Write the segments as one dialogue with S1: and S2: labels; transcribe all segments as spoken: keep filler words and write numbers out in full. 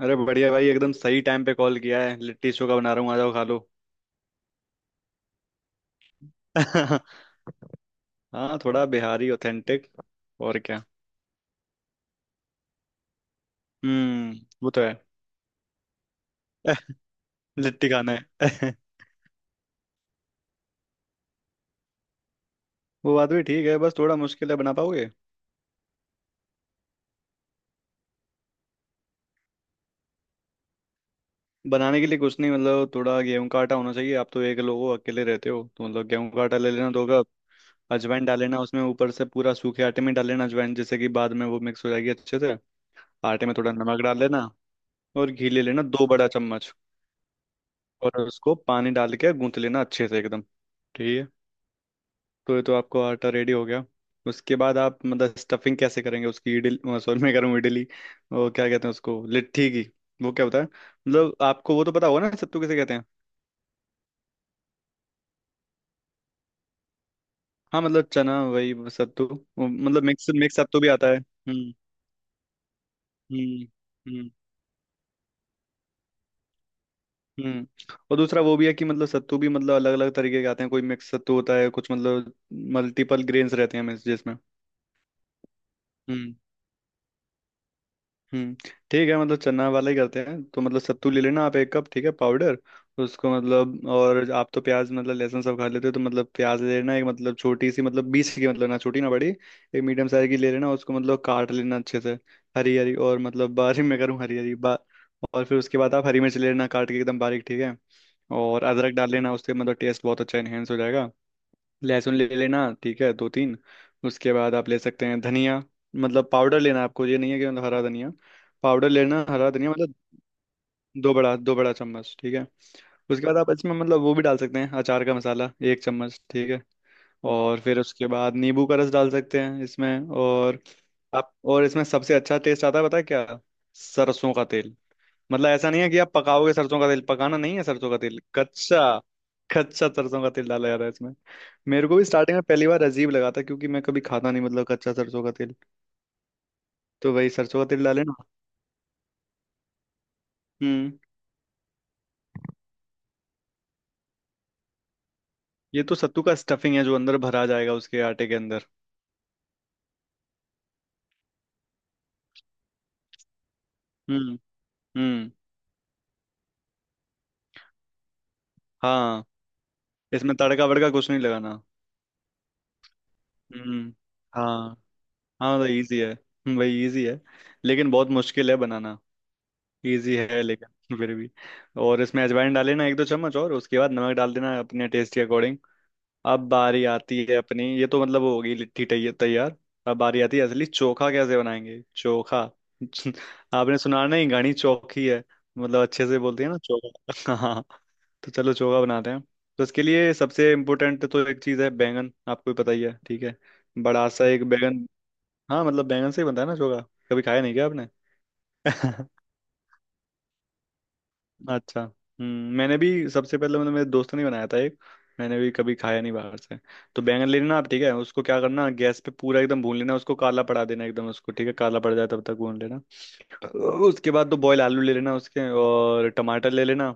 S1: अरे बढ़िया भाई एकदम सही टाइम पे कॉल किया है। लिट्टी चोखा बना रहा हूँ, आ जाओ खा लो। हाँ, थोड़ा बिहारी ऑथेंटिक। और क्या। हम्म, वो तो है। लिट्टी खाना है। वो बात भी ठीक है, बस थोड़ा मुश्किल है बना पाओगे। बनाने के लिए कुछ नहीं, मतलब थोड़ा गेहूं का आटा होना चाहिए। आप तो एक लोग हो, अकेले रहते हो, तो मतलब गेहूं का आटा ले लेना दो कप। अजवाइन डाल लेना उसमें, ऊपर से पूरा सूखे आटे में डाल लेना अजवाइन, जैसे कि बाद में वो मिक्स हो जाएगी अच्छे से। आटे में थोड़ा नमक डाल लेना। और घी ले लेना दो बड़ा चम्मच। और उसको पानी डाल के गूंथ लेना अच्छे से एकदम। ठीक है। तो ये तो आपको आटा रेडी हो गया। उसके बाद आप मतलब स्टफिंग कैसे करेंगे उसकी, इडली सॉरी मैं कह रहा हूँ इडली। वो क्या कहते हैं उसको, लिट्टी की। वो क्या होता है, मतलब आपको वो तो पता होगा ना, सत्तू किसे कहते हैं। हाँ, मतलब चना, वही सत्तू। वो मतलब मिक्स मिक्स सत्तू भी आता है। हम्म। हम्म। हम्म। हम्म। और दूसरा वो भी है कि मतलब सत्तू भी मतलब अलग अलग तरीके के आते हैं, कोई मिक्स सत्तू होता है, कुछ मतलब मल्टीपल ग्रेन्स रहते हैं मिस- जिसमें। हम्म। हम्म। ठीक है, मतलब चना वाला ही करते हैं तो मतलब सत्तू ले लेना आप एक कप, ठीक है, पाउडर। उसको मतलब, और आप तो प्याज मतलब लहसुन सब खा लेते हो तो मतलब प्याज ले लेना एक, मतलब छोटी सी, मतलब बीस की, मतलब ना छोटी ना बड़ी, एक मीडियम साइज की ले लेना, उसको मतलब काट लेना अच्छे से। हरी हरी, और मतलब बारीक, मैं करूँ हरी हरी बा और फिर उसके बाद आप हरी मिर्च ले लेना, काट के एकदम बारीक, ठीक है। और अदरक डाल लेना, उससे मतलब टेस्ट बहुत अच्छा इन्हेंस हो जाएगा। लहसुन ले लेना, ठीक है, दो तीन। उसके बाद आप ले सकते हैं धनिया, मतलब पाउडर लेना। आपको ये नहीं है कि मतलब हरा धनिया, पाउडर लेना, हरा धनिया मतलब। दो बड़ा दो बड़ा चम्मच, ठीक है। उसके बाद आप इसमें मतलब वो भी डाल सकते हैं, अचार का मसाला एक चम्मच, ठीक है। और फिर उसके बाद नींबू का रस डाल सकते हैं इसमें, और आप। और इसमें सबसे अच्छा टेस्ट आता है पता है क्या? सरसों का तेल। मतलब ऐसा नहीं है कि आप पकाओगे, सरसों का तेल पकाना नहीं है, सरसों का तेल कच्चा। कच्चा सरसों का तेल डाला जा रहा है इसमें। मेरे को भी स्टार्टिंग में पहली बार अजीब लगा था क्योंकि मैं कभी खाता नहीं, मतलब कच्चा सरसों का तेल। तो वही सरसों का तेल डाले ना। हम्म। ये तो सत्तू का स्टफिंग है, जो अंदर भरा जाएगा उसके आटे के अंदर। हम्म। हम्म। हाँ। इसमें तड़का वड़का कुछ नहीं लगाना। हम्म। हाँ। हाँ तो इजी है, हम्म, वही इजी है। लेकिन बहुत मुश्किल है बनाना। इजी है लेकिन फिर भी। और इसमें अजवाइन डाले ना एक दो चम्मच, और उसके बाद नमक डाल देना अपने टेस्ट के अकॉर्डिंग। अब बारी आती है अपनी, ये तो मतलब हो गई लिट्टी तै- तैयार। अब बारी आती है असली चोखा कैसे बनाएंगे, चोखा। आपने सुना नहीं, घनी चौखी है। मतलब अच्छे से बोलती है ना, चोखा। हाँ। तो चलो चोखा बनाते हैं। तो इसके लिए सबसे इम्पोर्टेंट तो एक चीज़ है बैंगन, आपको भी पता ही है, ठीक है। बड़ा सा एक बैंगन। हाँ, मतलब बैंगन से ही बनता है ना चोखा। कभी खाया नहीं क्या आपने? अच्छा, हम्म, मैंने भी सबसे पहले मैंने मेरे दोस्त ने बनाया था एक। मैंने भी कभी खाया नहीं बाहर से। तो बैंगन ले लेना आप, ठीक है, उसको क्या करना, गैस पे पूरा एकदम भून लेना उसको, काला पड़ा देना एकदम उसको, ठीक है, काला पड़ जाए तब तक भून लेना। उसके बाद तो बॉयल आलू ले लेना उसके, और टमाटर ले लेना,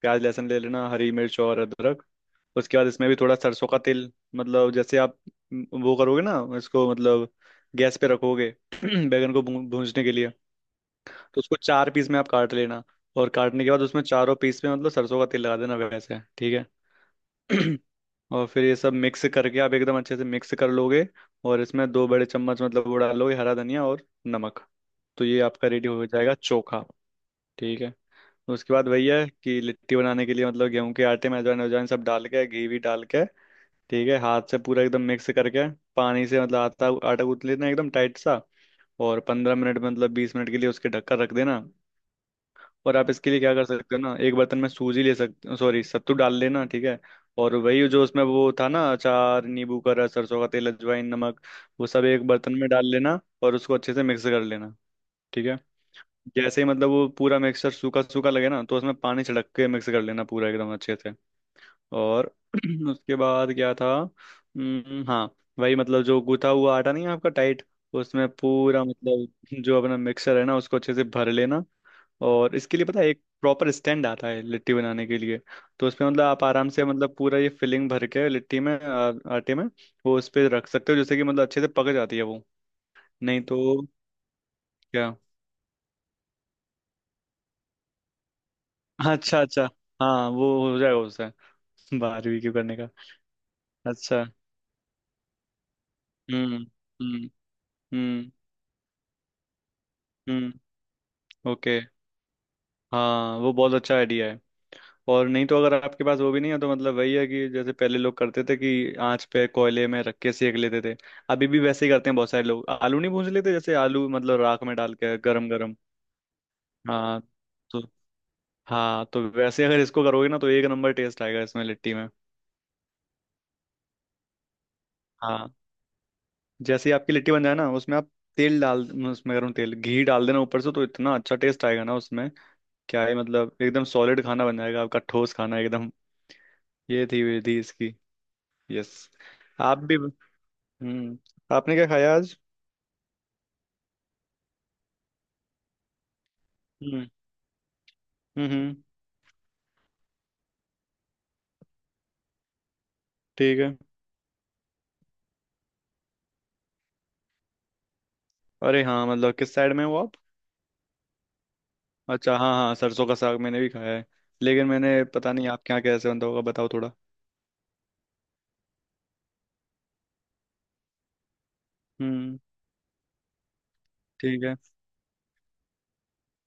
S1: प्याज लहसुन ले लेना, हरी मिर्च और अदरक। उसके बाद इसमें भी थोड़ा सरसों का तेल, मतलब जैसे आप वो करोगे ना इसको, मतलब गैस पे रखोगे बैंगन को भून- भूंजने के लिए। तो उसको चार पीस में आप काट लेना। और काटने के बाद उसमें चारों पीस में मतलब सरसों का तेल लगा देना वैसे, ठीक है। और फिर ये सब मिक्स करके आप एकदम अच्छे से मिक्स कर लोगे। और इसमें दो बड़े चम्मच मतलब वो डालोगे, हरा धनिया और नमक। तो ये आपका रेडी हो जाएगा चोखा। ठीक है। उसके बाद वही है कि लिट्टी बनाने के लिए मतलब गेहूं के आटे में अजवाइन अजवाइन सब डाल के, घी भी डाल के, ठीक है, हाथ से पूरा एकदम मिक्स करके। पानी से मतलब आटा आटा गूंथ लेना एकदम टाइट सा। और पंद्रह मिनट मतलब बीस मिनट के लिए उसके ढक्कन रख देना। और आप इसके लिए क्या कर सकते हो ना, एक बर्तन में सूजी ले सकते, सॉरी, सत्तू डाल लेना, ठीक है। और वही जो उसमें वो था ना, अचार, नींबू का रस, सरसों का तेल, अजवाइन, नमक, वो सब एक बर्तन में डाल लेना और उसको अच्छे से मिक्स कर लेना। ठीक है। जैसे ही मतलब वो पूरा मिक्सचर सूखा सूखा लगे ना, तो उसमें पानी छिड़क के मिक्स कर लेना पूरा एकदम अच्छे से। और उसके बाद क्या था, हम्म, हाँ, वही, मतलब जो गूथा हुआ आटा नहीं है आपका टाइट, उसमें पूरा, मतलब जो अपना मिक्सर है ना, उसको अच्छे से भर लेना। और इसके लिए पता है एक प्रॉपर स्टैंड आता है लिट्टी बनाने के लिए। तो उसमें मतलब आप आराम से, मतलब पूरा ये फिलिंग भर के लिट्टी में आ, आटे में। वो उस पे रख सकते हो, जैसे कि मतलब अच्छे से पक जाती है वो। नहीं तो क्या। हाँ, अच्छा अच्छा। हाँ, वो हो जाएगा उससे। बाहर भी क्यों करने का। अच्छा। हम्म। हम्म। हम्म। हम्म। ओके। हाँ, वो बहुत अच्छा आइडिया है। और नहीं तो, अगर आपके पास वो भी नहीं है तो मतलब वही है कि जैसे पहले लोग करते थे कि आंच पे कोयले में रख के सेक लेते थे। अभी भी वैसे ही करते हैं बहुत सारे लोग, आलू नहीं भूंज लेते जैसे, आलू मतलब राख में डाल के, गरम गरम। हाँ। तो। हाँ, तो वैसे अगर इसको करोगे ना तो एक नंबर टेस्ट आएगा इसमें, लिट्टी में। हाँ। जैसे ही आपकी लिट्टी बन जाए ना, उसमें आप तेल डाल, उसमें गर्म तेल घी डाल देना ऊपर से, तो इतना अच्छा टेस्ट आएगा ना उसमें। क्या है, मतलब एकदम सॉलिड खाना बन जाएगा आपका, ठोस खाना एकदम। ये थी विधि इसकी। यस। आप भी। हम्म। आपने क्या खाया आज? हम्म। हम्म। हम्म। ठीक है। अरे हाँ, मतलब किस साइड में हो आप? अच्छा, हाँ हाँ, सरसों का साग मैंने भी खाया है। लेकिन मैंने पता नहीं आपके यहाँ कैसे बनता होगा, बताओ थोड़ा। हम्म। ठीक है।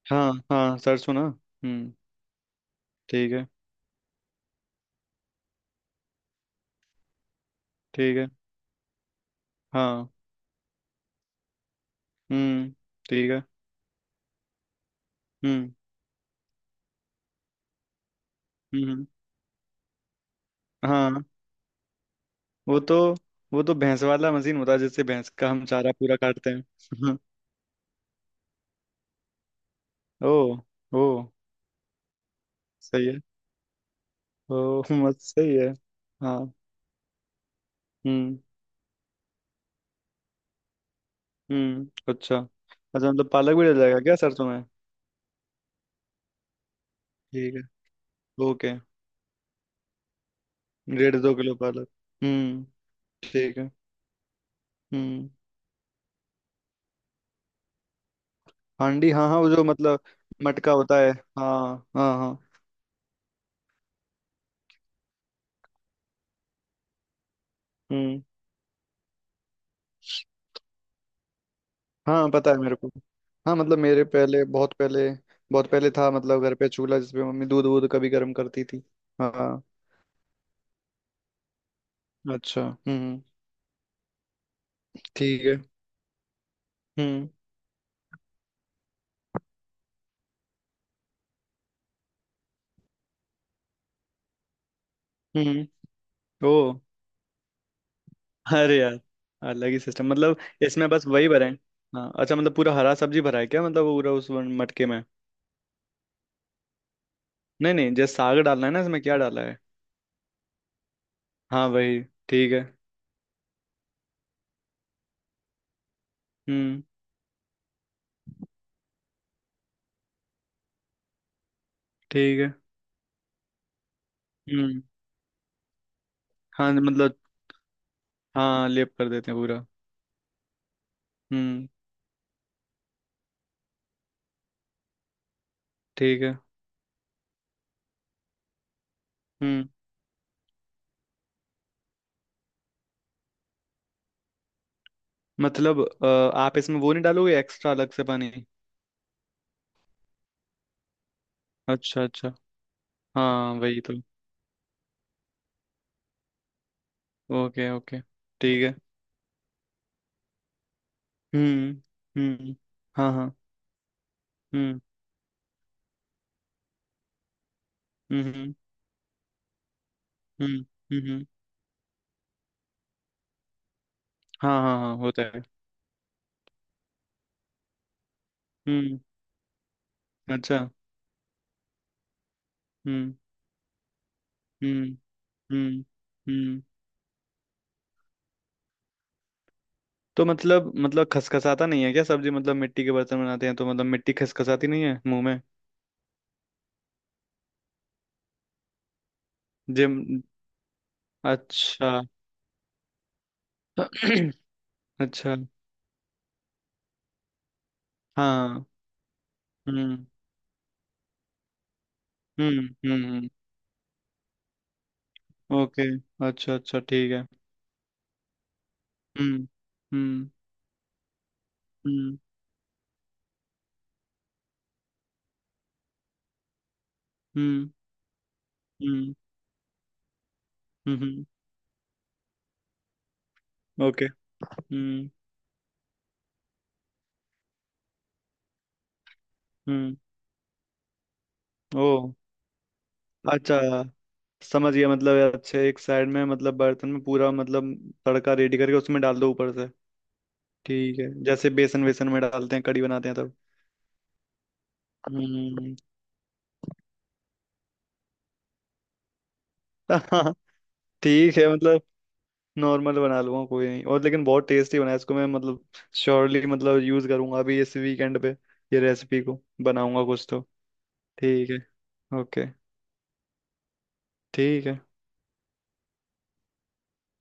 S1: हाँ हाँ, सरसों ना। हम्म। ठीक है। ठीक है। हाँ। हम्म। ठीक है। हम्म। हम्म। हम्म। हाँ। वो तो। वो तो भैंस वाला मशीन होता है, जिससे भैंस का हम चारा पूरा काटते हैं। ओ। ओ। सही है। ओ मत सही है। हाँ। हम्म। हम्म। अच्छा। अच्छा, मतलब पालक भी डल जाएगा क्या सरसों में? ठीक है। ओके। डेढ़ दो किलो पालक। हम्म। ठीक है। हम्म। हांडी, हाँ हाँ, वो जो मतलब। मटका होता है। हाँ हाँ हाँ। हम्म। हाँ पता है मेरे को। हाँ, मतलब मेरे पहले, बहुत पहले, बहुत पहले था मतलब घर पे चूल्हा जिसपे मम्मी दूध वूध कभी गर्म करती थी। हाँ। अच्छा। हम्म। ठीक है। हम्म। हम्म। ओ। अरे यार, अलग ही सिस्टम मतलब। इसमें बस वही भरा है। हाँ, अच्छा, मतलब पूरा हरा सब्जी भरा है क्या, मतलब पूरा उस वन- मटके में? नहीं नहीं, जैसे साग डालना है ना, इसमें क्या डाला है। हाँ वही। ठीक है। हम्म। ठीक है। हम्म। हाँ मतलब। हाँ, लेप कर देते हैं पूरा। हम्म। ठीक है। हम्म। मतलब अ, आप इसमें वो नहीं डालोगे एक्स्ट्रा अलग से पानी? अच्छा अच्छा। हाँ वही तो। Okay okay. ठीक है। हम्म। हम्म। हाँ हाँ। हम्म। हम्म। हम्म। हम्म। हम्म। हाँ हाँ हाँ, होता है। हम्म। अच्छा। हम्म। हम्म। हम्म। हम्म। तो मतलब मतलब खसखसाता नहीं है क्या सब्जी, मतलब मिट्टी के बर्तन बनाते हैं तो मतलब मिट्टी खसखसाती नहीं है मुंह में? जिम। अच्छा। अच्छा। हाँ। हम्म। हम्म। हम्म। हम्म। ओके। अच्छा अच्छा, ठीक है। हम्म। हम्म। हम्म। हम्म। हम्म। हम्म। हम्म। ओके। हम्म। हम्म। ओ। अच्छा, समझ गया, मतलब अच्छे, एक साइड में मतलब बर्तन में पूरा मतलब तड़का रेडी करके उसमें डाल दो ऊपर से। ठीक है, जैसे बेसन वेसन में डालते हैं कड़ी बनाते हैं तब। हम्म। हाँ। ठीक है मतलब। नॉर्मल बना लूंगा, कोई नहीं, और लेकिन बहुत टेस्टी बना है इसको मैं मतलब। श्योरली मतलब यूज करूंगा अभी इस वीकेंड पे। ये रेसिपी को बनाऊंगा कुछ तो। ठीक है। ओके। ठीक है।